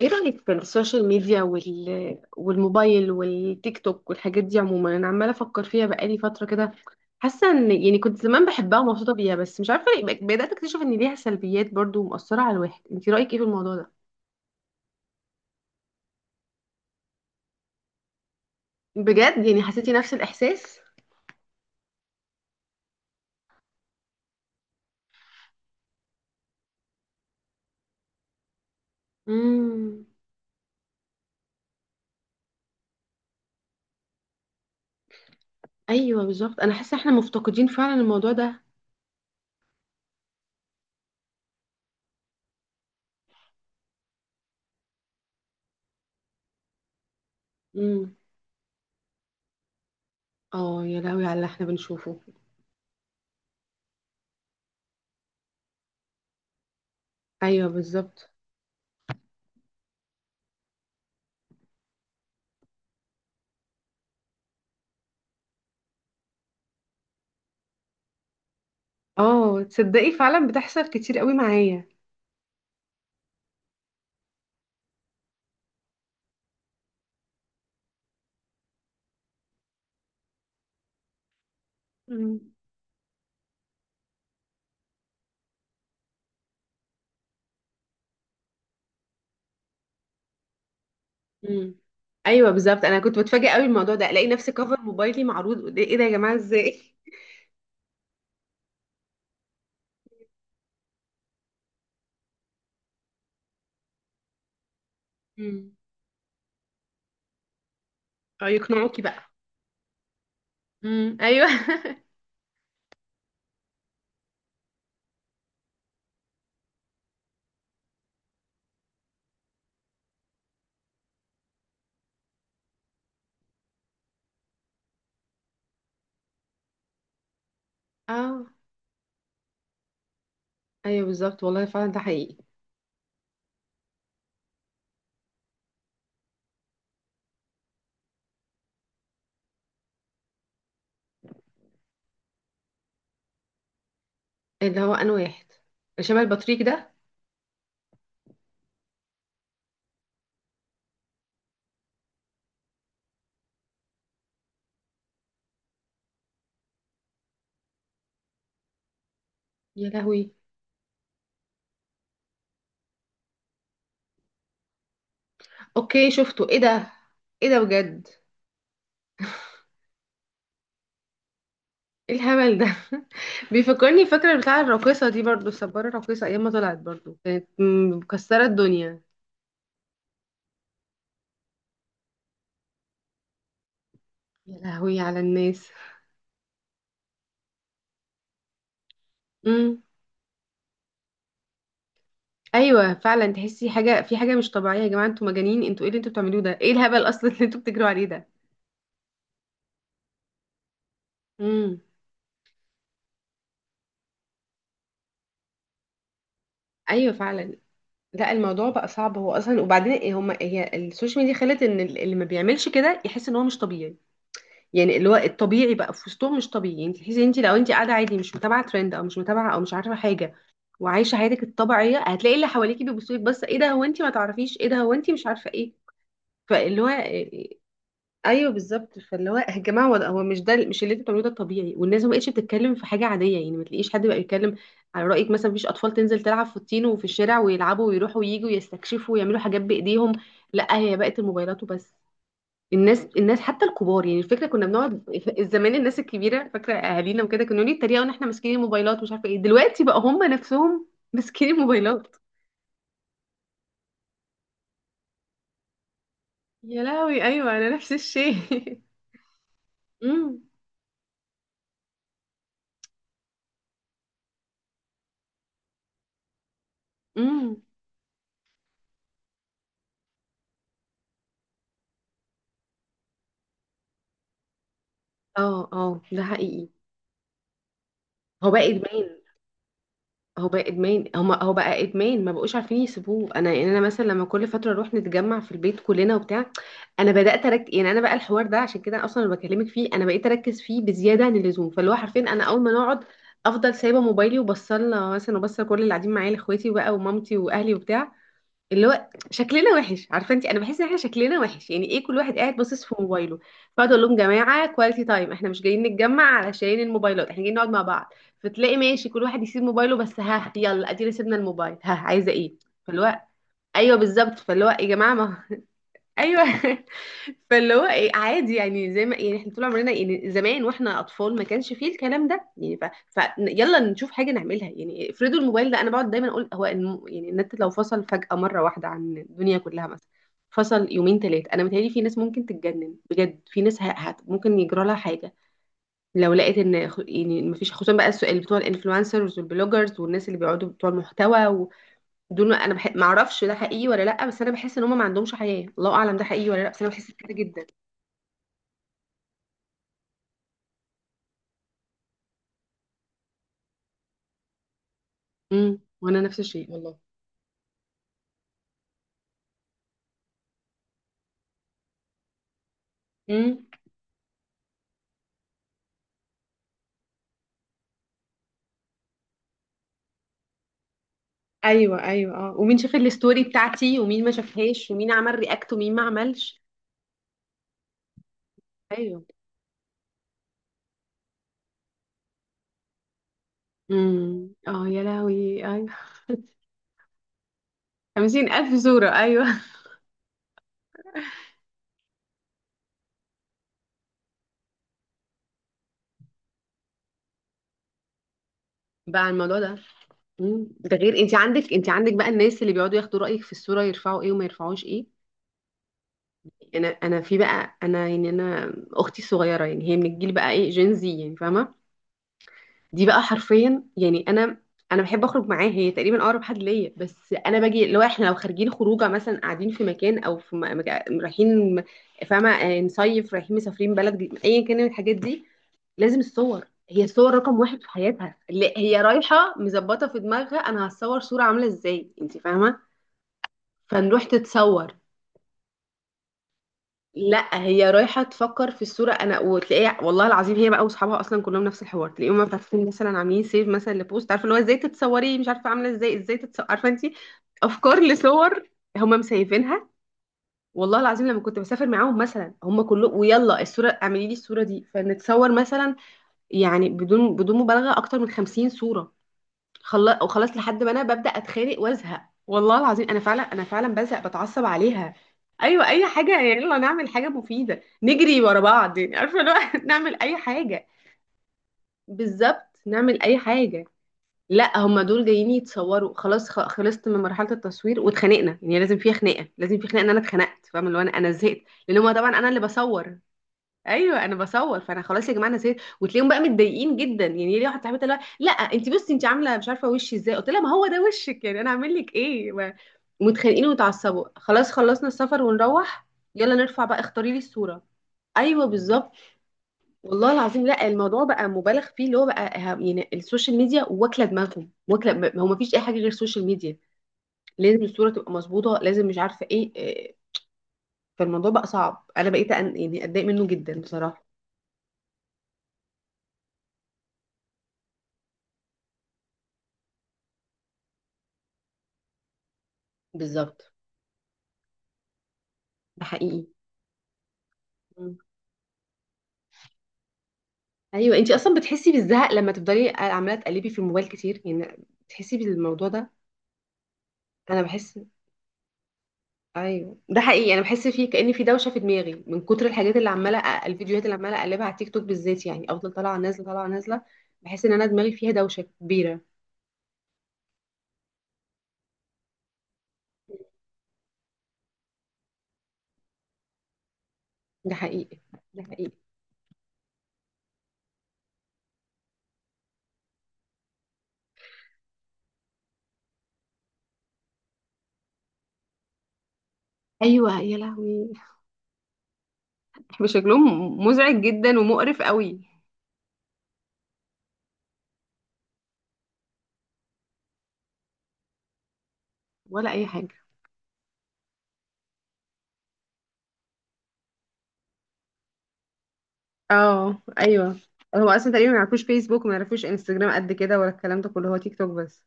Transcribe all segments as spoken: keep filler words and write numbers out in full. ايه رأيك في السوشيال ميديا وال... والموبايل والتيك توك والحاجات دي عموما، انا عمالة افكر فيها بقالي فترة كده. حاسة ان يعني كنت زمان بحبها ومبسوطة بيها، بس مش عارفة ليه بدأت اكتشف ان ليها سلبيات برضو ومؤثرة على الواحد. انت رأيك ايه في الموضوع ده؟ بجد يعني حسيتي نفس الاحساس؟ امم. ايوه بالظبط، انا حاسة احنا مفتقدين فعلا الموضوع ده. امم. اه يا لهوي على اللي احنا بنشوفه. ايوه بالظبط. اه تصدقي فعلا بتحصل كتير قوي معايا. مم. ايوه بالظبط، انا كنت بتفاجئ قوي الموضوع ده. الاقي نفسي كفر موبايلي معروض قدام- ايه ده يا جماعه، ازاي؟ مم. اه يقنعوكي بقى. امم ايوه اه. ايوه بالظبط والله فعلا ده حقيقي. اللي هو انا واحد اللي شبه البطريق ده؟ يا لهوي. اوكي شفته، ايه ده؟ ايه ده بجد؟ ايه الهبل ده؟ بيفكرني، فاكره بتاع الراقصه دي برضو، السباره الراقصه، ايام ما طلعت برضو كانت مم، مكسره الدنيا. يا لهوي على الناس. مم. ايوه فعلا، تحسي حاجه في حاجه مش طبيعيه. يا جماعه انتوا مجانين، انتوا ايه اللي انتوا بتعملوه ده، ايه الهبل اصلا اللي انتوا بتجروا عليه ده؟ امم. ايوه فعلا. لا الموضوع بقى صعب هو اصلا. وبعدين إيه هما، هي السوشيال ميديا خلت ان ال- اللي ما بيعملش كده يحس ان هو مش طبيعي. يعني اللي هو الطبيعي بقى في وسطهم مش طبيعي. انت تحسي، انت لو انت قاعده عادي، مش متابعه ترند او مش متابعه او مش عارفه حاجه وعايشه حياتك الطبيعيه، هتلاقي اللي حواليكي بيبصوا لك، بس ايه ده؟ هو انت ما تعرفيش ايه ده؟ هو انت مش عارفه ايه؟ فاللي هو ايوه بالظبط. فاللي هو يا جماعه، هو هو مش ده، مش اللي انتوا بتعملوه ده الطبيعي. والناس ما بقتش بتتكلم في حاجه عاديه، يعني ما تلاقيش حد بقى يتكلم على رايك. مثلا مفيش اطفال تنزل تلعب في الطين وفي الشارع ويلعبوا ويروحوا وييجوا ويستكشفوا ويعملوا حاجات بايديهم. لا، هي بقت الموبايلات وبس. الناس، الناس حتى الكبار، يعني الفكره كنا بنقعد زمان، الناس الكبيره، فاكره اهالينا وكده كانوا يقولوا يتريقوا ان احنا ماسكين الموبايلات ومش عارفه ايه، دلوقتي بقى هم نفسهم ماسكين الموبايلات. يا لهوي ايوه، انا نفس الشيء. امم. امم. اه. اه ده حقيقي. هو بقى ادمان. هو بقى ادمان هو هو بقى ادمان ما بقوش عارفين يسيبوه. انا يعني انا مثلا لما كل فتره نروح نتجمع في البيت كلنا وبتاع، انا بدات اركز. يعني انا بقى الحوار ده عشان كده اصلا اللي بكلمك فيه، انا بقيت اركز فيه بزياده عن اللزوم. فاللي هو حرفيا انا اول ما نقعد افضل سايبه موبايلي وبصلنا مثلا، وبصل كل اللي قاعدين معايا، لاخواتي بقى ومامتي واهلي وبتاع. اللي هو شكلنا وحش، عارفه انت، انا بحس ان احنا شكلنا وحش. يعني ايه كل واحد قاعد باصص في موبايله؟ فاقعد اقول لهم جماعه كواليتي تايم، احنا مش جايين نتجمع علشان الموبايلات، احنا جايين نقعد مع بعض. فتلاقي ماشي كل واحد يسيب موبايله، بس ها يلا ادينا سيبنا الموبايل، ها عايزه ايه؟ فاللي هو ايوه بالظبط. فاللي هو يا جماعه ما ايوه فاللي هو ايه عادي، يعني زي ما يعني احنا طول عمرنا، يعني زمان واحنا اطفال ما كانش فيه الكلام ده يعني ف... ف يلا نشوف حاجه نعملها. يعني افرضوا الموبايل ده، انا بقعد دايما اقول هو الم... يعني النت لو فصل فجاه مره واحده عن الدنيا كلها مثلا، فصل يومين ثلاثه، انا متهيألي في ناس ممكن تتجنن بجد. في ناس ه... هت... ممكن يجرى لها حاجه لو لقيت ان خ- يعني مفيش، خصوصا بقى السؤال بتوع الانفلونسرز والبلوجرز والناس اللي بيقعدوا بتوع المحتوى دول. ما انا بح... ما اعرفش ده حقيقي ولا لا، بس انا بحس ان هم ما عندهمش حياة. الله اعلم ده حقيقي ولا لا، بس انا بحس كده جدا. امم، وانا نفس الشيء والله. امم. ايوه، ايوه، اه. ومين شاف الستوري بتاعتي ومين ما شافهاش، ومين عمل رياكت ومين ما عملش. ايوه. امم اه يا لهوي ايوه. خمسين الف صورة ايوه بقى على الموضوع ده. امم. ده غير انت عندك انت عندك بقى الناس اللي بيقعدوا ياخدوا رأيك في الصورة يرفعوا ايه وما يرفعوش ايه. انا انا في بقى، انا يعني انا اختي الصغيرة، يعني هي من الجيل بقى ايه، جينزي يعني، فاهمة؟ دي بقى حرفيا يعني انا، انا بحب اخرج معاه، هي تقريبا اقرب حد ليا. بس انا باجي لو احنا لو خارجين خروجه مثلا، قاعدين في مكان او في م- مك- رايحين م- فاهمه، آه، نصيف، رايحين مسافرين بلد جديد، ايا كان من الحاجات دي، لازم الصور. هي الصور رقم واحد في حياتها، اللي هي رايحه مظبطه في دماغها انا هتصور صوره عامله ازاي، انت فاهمه؟ فنروح تتصور. لا هي رايحه تفكر في الصوره، انا وتلاقيها، والله العظيم، هي بقى واصحابها اصلا كلهم نفس الحوار. تلاقيهم بقى فاتحين مثلا عاملين سيف مثلا لبوست، عارفه اللي هو ازاي تتصوري، مش عارفه عامله ازاي، ازاي تتصوري، عارفه انت، افكار لصور، هم مسيفينها. والله العظيم لما كنت بسافر معاهم مثلا، هم كلهم ويلا الصوره، اعملي لي الصوره دي، فنتصور مثلا، يعني بدون بدون مبالغه اكتر من خمسين صوره. خل- وخلاص لحد ما انا ببدا اتخانق وازهق. والله العظيم انا فعلا، انا فعلا بزهق بتعصب عليها. ايوه اي حاجه يعني، يلا نعمل حاجه مفيده، نجري ورا بعض يعني عارفه لو نعمل اي حاجه. بالظبط نعمل اي حاجه. لا هما دول جايين يتصوروا خلاص. خ- خلصت من مرحله التصوير، واتخانقنا. يعني لازم فيها خناقه، لازم في خناقه، ان انا اتخنقت، فاهمه، اللي هو انا، انا زهقت لان هما طبعا انا اللي بصور. ايوه انا بصور، فانا خلاص يا جماعه انا نسيت. وتلاقيهم بقى متضايقين جدا، يعني ليه؟ واحده صاحبتي اللي هو لا انت بصي انت عامله مش عارفه وشي ازاي، قلت لها ما هو ده وشك يعني، انا اعمل لك ايه ما- متخانقين ومتعصبوا. خلاص خلصنا السفر ونروح يلا نرفع بقى، اختاري لي الصوره. ايوه بالظبط. والله العظيم لا الموضوع بقى مبالغ فيه، اللي هو بقى ه- يعني السوشيال ميديا واكله دماغهم، واكله ب- هو ما فيش اي حاجه غير السوشيال ميديا. لازم الصوره تبقى مظبوطه، لازم مش عارفه ايه. إيه. فالموضوع بقى صعب. انا بقيت أن- يعني اتضايق منه جدا بصراحه. بالظبط. ده حقيقي. ايوه انت اصلا بتحسي بالزهق لما تفضلي عماله تقلبي في الموبايل كتير، يعني بتحسي بالموضوع ده؟ انا بحس، ايوه ده حقيقي انا بحس فيه. كأن في دوشه في دماغي من كتر الحاجات اللي عماله أ- الفيديوهات اللي عماله اقلبها على تيك توك بالذات، يعني افضل طالعه نازله، طالعه نازله. بحس ان انا دماغي فيها دوشه كبيره. ده حقيقي. ده حقيقي. ايوه يا لهوي شكلهم مزعج جدا ومقرف قوي. ولا اي حاجه. اه ايوه. هو اصلا تقريبا ما يعرفوش فيسبوك، ما يعرفوش انستجرام، قد كده ولا الكلام ده كله، هو تيك توك بس.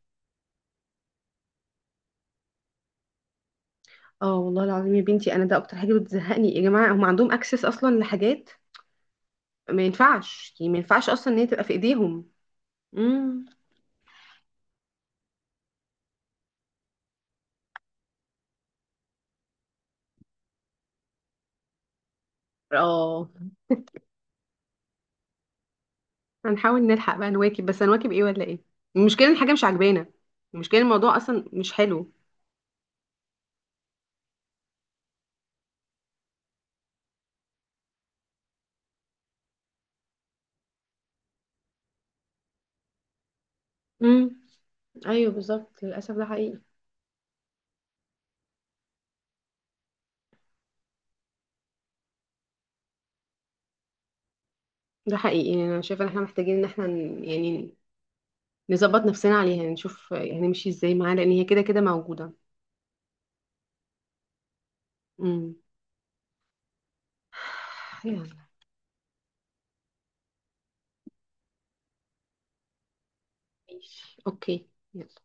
اه والله العظيم يا بنتي، انا ده اكتر حاجه بتزهقني. يا جماعه هم عندهم اكسس اصلا لحاجات ما ينفعش، يعني ما ينفعش اصلا ان هي تبقى في ايديهم. امم. اه. هنحاول نلحق بقى نواكب، بس هنواكب ايه ولا ايه؟ المشكله إن الحاجه مش عاجبانا، المشكله إن الموضوع اصلا مش حلو. امم. ايوه بالظبط للاسف ده حقيقي. ده حقيقي، يعني انا شايفه ان احنا محتاجين ان احنا ن- يعني نظبط نفسنا عليها، نشوف يعني هنمشي ازاي معاها، لان هي كده كده موجوده. امم. يلا. ماشي اوكي. يلا.